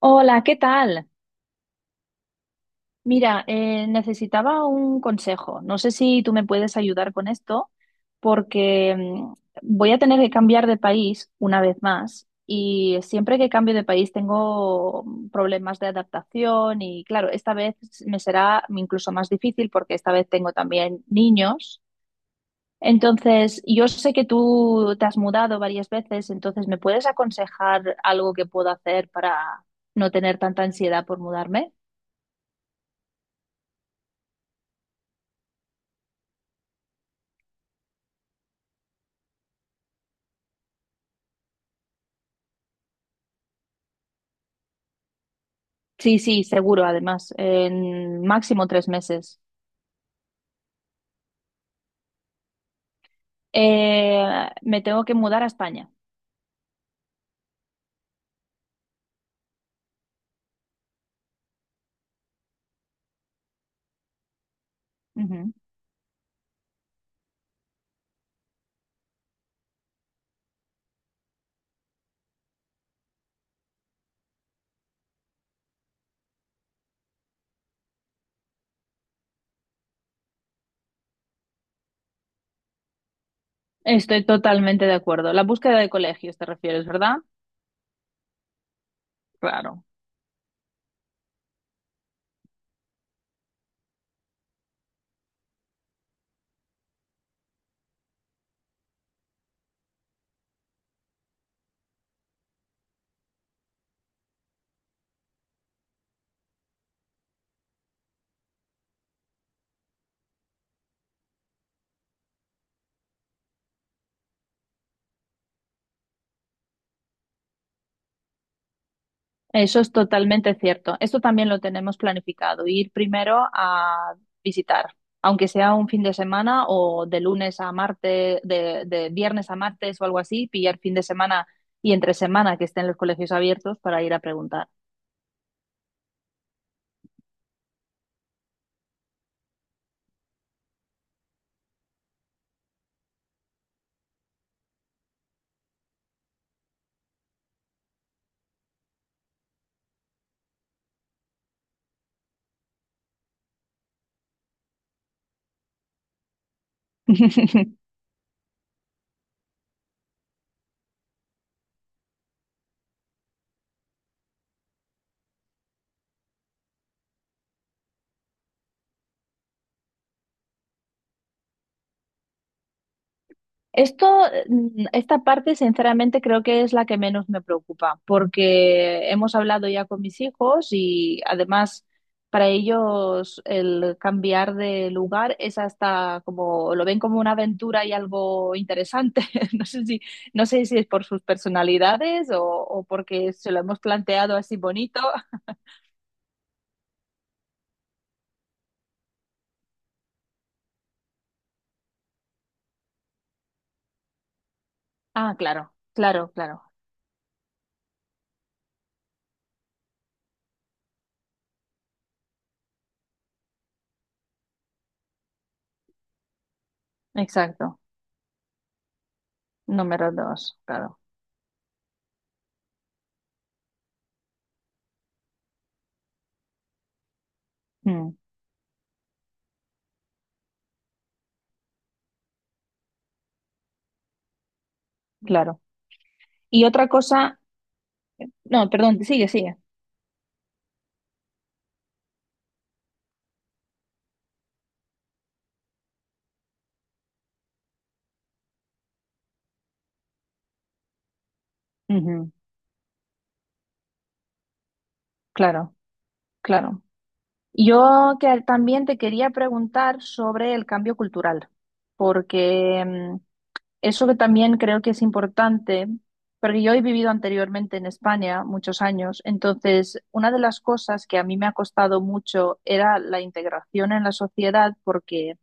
Hola, ¿qué tal? Mira, necesitaba un consejo. No sé si tú me puedes ayudar con esto, porque voy a tener que cambiar de país una vez más y siempre que cambio de país tengo problemas de adaptación y claro, esta vez me será incluso más difícil porque esta vez tengo también niños. Entonces, yo sé que tú te has mudado varias veces, entonces, ¿me puedes aconsejar algo que puedo hacer para no tener tanta ansiedad por mudarme? Sí, sí, seguro, además, en máximo 3 meses. Me tengo que mudar a España. Ujú. Estoy totalmente de acuerdo. La búsqueda de colegios, te refieres, ¿verdad? Claro. Eso es totalmente cierto. Esto también lo tenemos planificado, ir primero a visitar, aunque sea un fin de semana o de lunes a martes, de viernes a martes o algo así, pillar fin de semana y entre semana que estén los colegios abiertos para ir a preguntar. Esto, esta parte, sinceramente, creo que es la que menos me preocupa, porque hemos hablado ya con mis hijos y además para ellos el cambiar de lugar es hasta como, lo ven como una aventura y algo interesante. No sé si, no sé si es por sus personalidades o porque se lo hemos planteado así bonito. Ah, claro, claro, claro, exacto. Número dos, claro. Mm, claro. Y otra cosa, no, perdón, sigue, sigue. Ujú, claro, claro. Yo que también te quería preguntar sobre el cambio cultural, porque eso que también creo que es importante, porque yo he vivido anteriormente en España muchos años, entonces una de las cosas que a mí me ha costado mucho era la integración en la sociedad, porque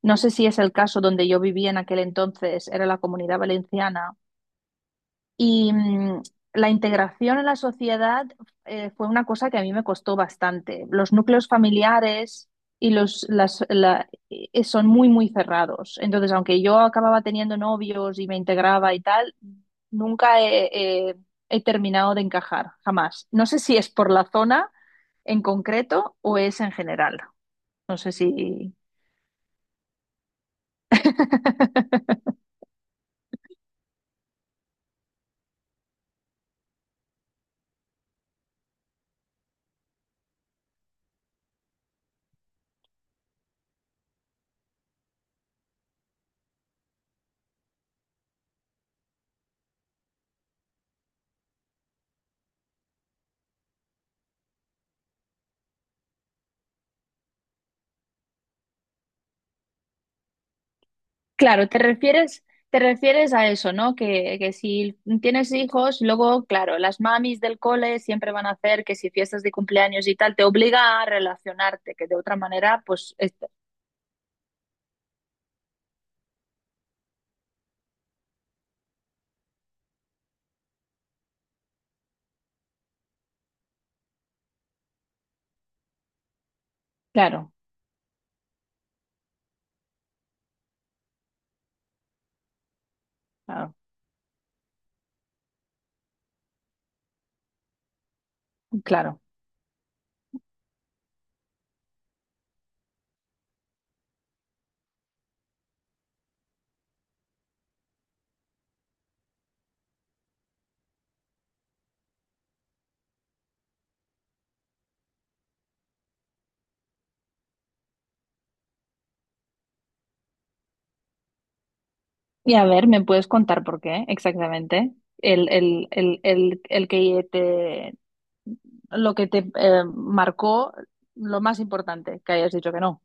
no sé si es el caso donde yo vivía en aquel entonces, era la Comunidad Valenciana. Y la integración en la sociedad fue una cosa que a mí me costó bastante. Los núcleos familiares y son muy, muy cerrados. Entonces, aunque yo acababa teniendo novios y me integraba y tal, nunca he, he- he terminado de encajar, jamás. No sé si es por la zona en concreto o es en general. No sé si... Claro, te refieres a eso, ¿no? Que si tienes hijos, luego, claro, las mamis del cole siempre van a hacer que si fiestas de cumpleaños y tal, te obliga a relacionarte, que de otra manera, pues, este- claro, claro, claro. Y a ver, ¿me puedes contar por qué exactamente? El, el, el, el, el que te, lo que te marcó, lo más importante, que hayas dicho que no.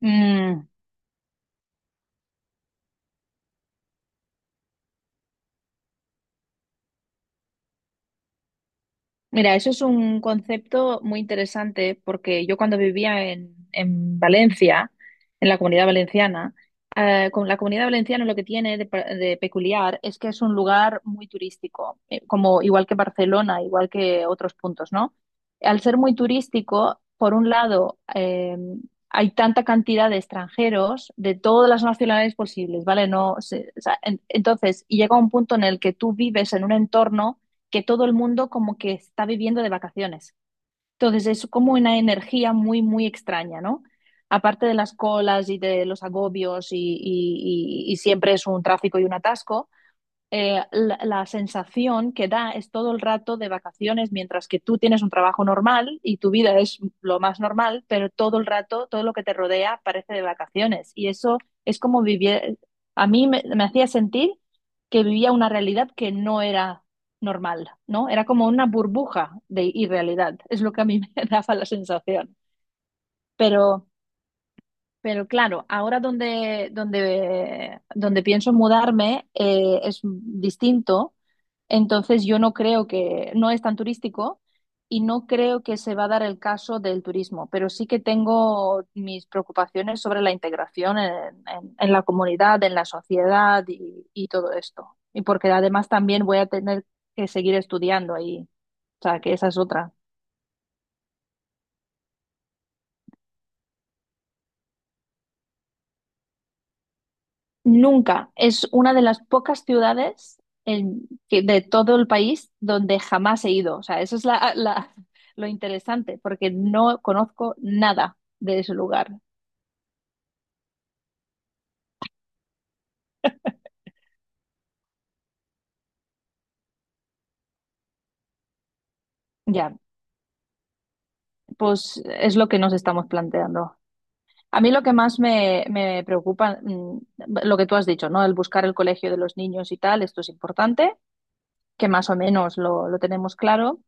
Mm, mira, eso es un concepto muy interesante porque yo cuando vivía en Valencia, en la Comunidad Valenciana, con la Comunidad Valenciana lo que tiene de, de peculiar es que es un lugar muy turístico, como igual que Barcelona, igual que otros puntos, ¿no? Al ser muy turístico, por un lado, hay tanta cantidad de extranjeros de todas las nacionalidades posibles, ¿vale? No, se- o sea, entonces, y llega un punto en el que tú vives en un entorno que todo el mundo como que está viviendo de vacaciones. Entonces es como una energía muy, muy extraña, ¿no? Aparte de las colas y de los agobios y siempre es un tráfico y un atasco, la sensación que da es todo el rato de vacaciones, mientras que tú tienes un trabajo normal y tu vida es lo más normal, pero todo el rato, todo lo que te rodea parece de vacaciones. Y eso es como vivir, me hacía sentir que vivía una realidad que no era normal, ¿no? Era como una burbuja de irrealidad, es lo que a mí me daba la sensación. Pero pero claro, ahora donde pienso mudarme es distinto, entonces yo no creo que, no es tan turístico y no creo que se va a dar el caso del turismo, pero sí que tengo mis preocupaciones sobre la integración en la comunidad, en la sociedad y todo esto. Y porque además también voy a tener que seguir estudiando ahí, o sea, que esa es otra. Nunca. Es una de las pocas ciudades de todo el país donde jamás he ido. O sea, eso es lo interesante, porque no conozco nada de ese lugar. Ya, pues es lo que nos estamos planteando. A mí lo que más me preocupa, mm, lo que tú has dicho, ¿no? El buscar el colegio de los niños y tal, esto es importante, que más o menos lo tenemos claro.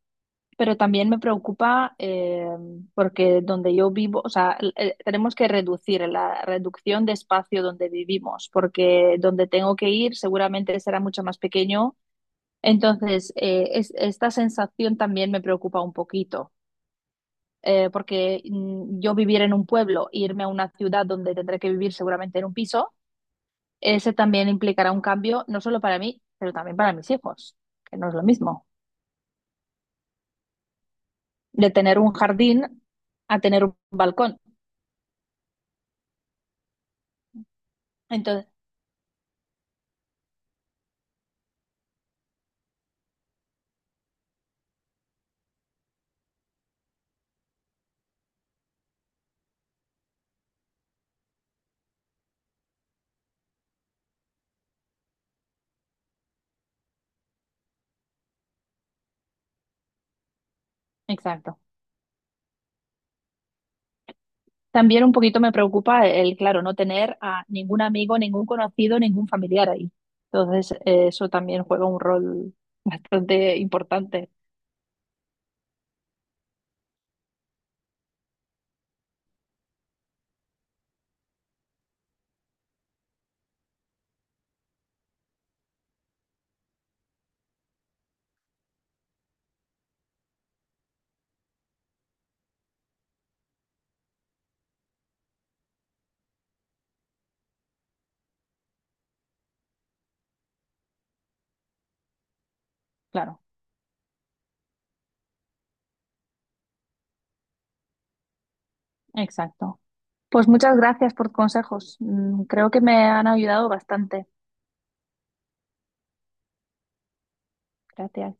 Pero también me preocupa porque donde yo vivo, o sea, tenemos que reducir la reducción de espacio donde vivimos, porque donde tengo que ir seguramente será mucho más pequeño. Entonces, esta sensación también me preocupa un poquito, porque yo vivir en un pueblo, irme a una ciudad donde tendré que vivir seguramente en un piso, ese también implicará un cambio, no solo para mí, pero también para mis hijos, que no es lo mismo, de tener un jardín a tener un balcón. Entonces, exacto. También un poquito me preocupa el, claro, no tener a ningún amigo, ningún conocido, ningún familiar ahí. Entonces, eso también juega un rol bastante importante. Claro, exacto. Pues muchas gracias por tus consejos. Mm, creo que me han ayudado bastante. Gracias.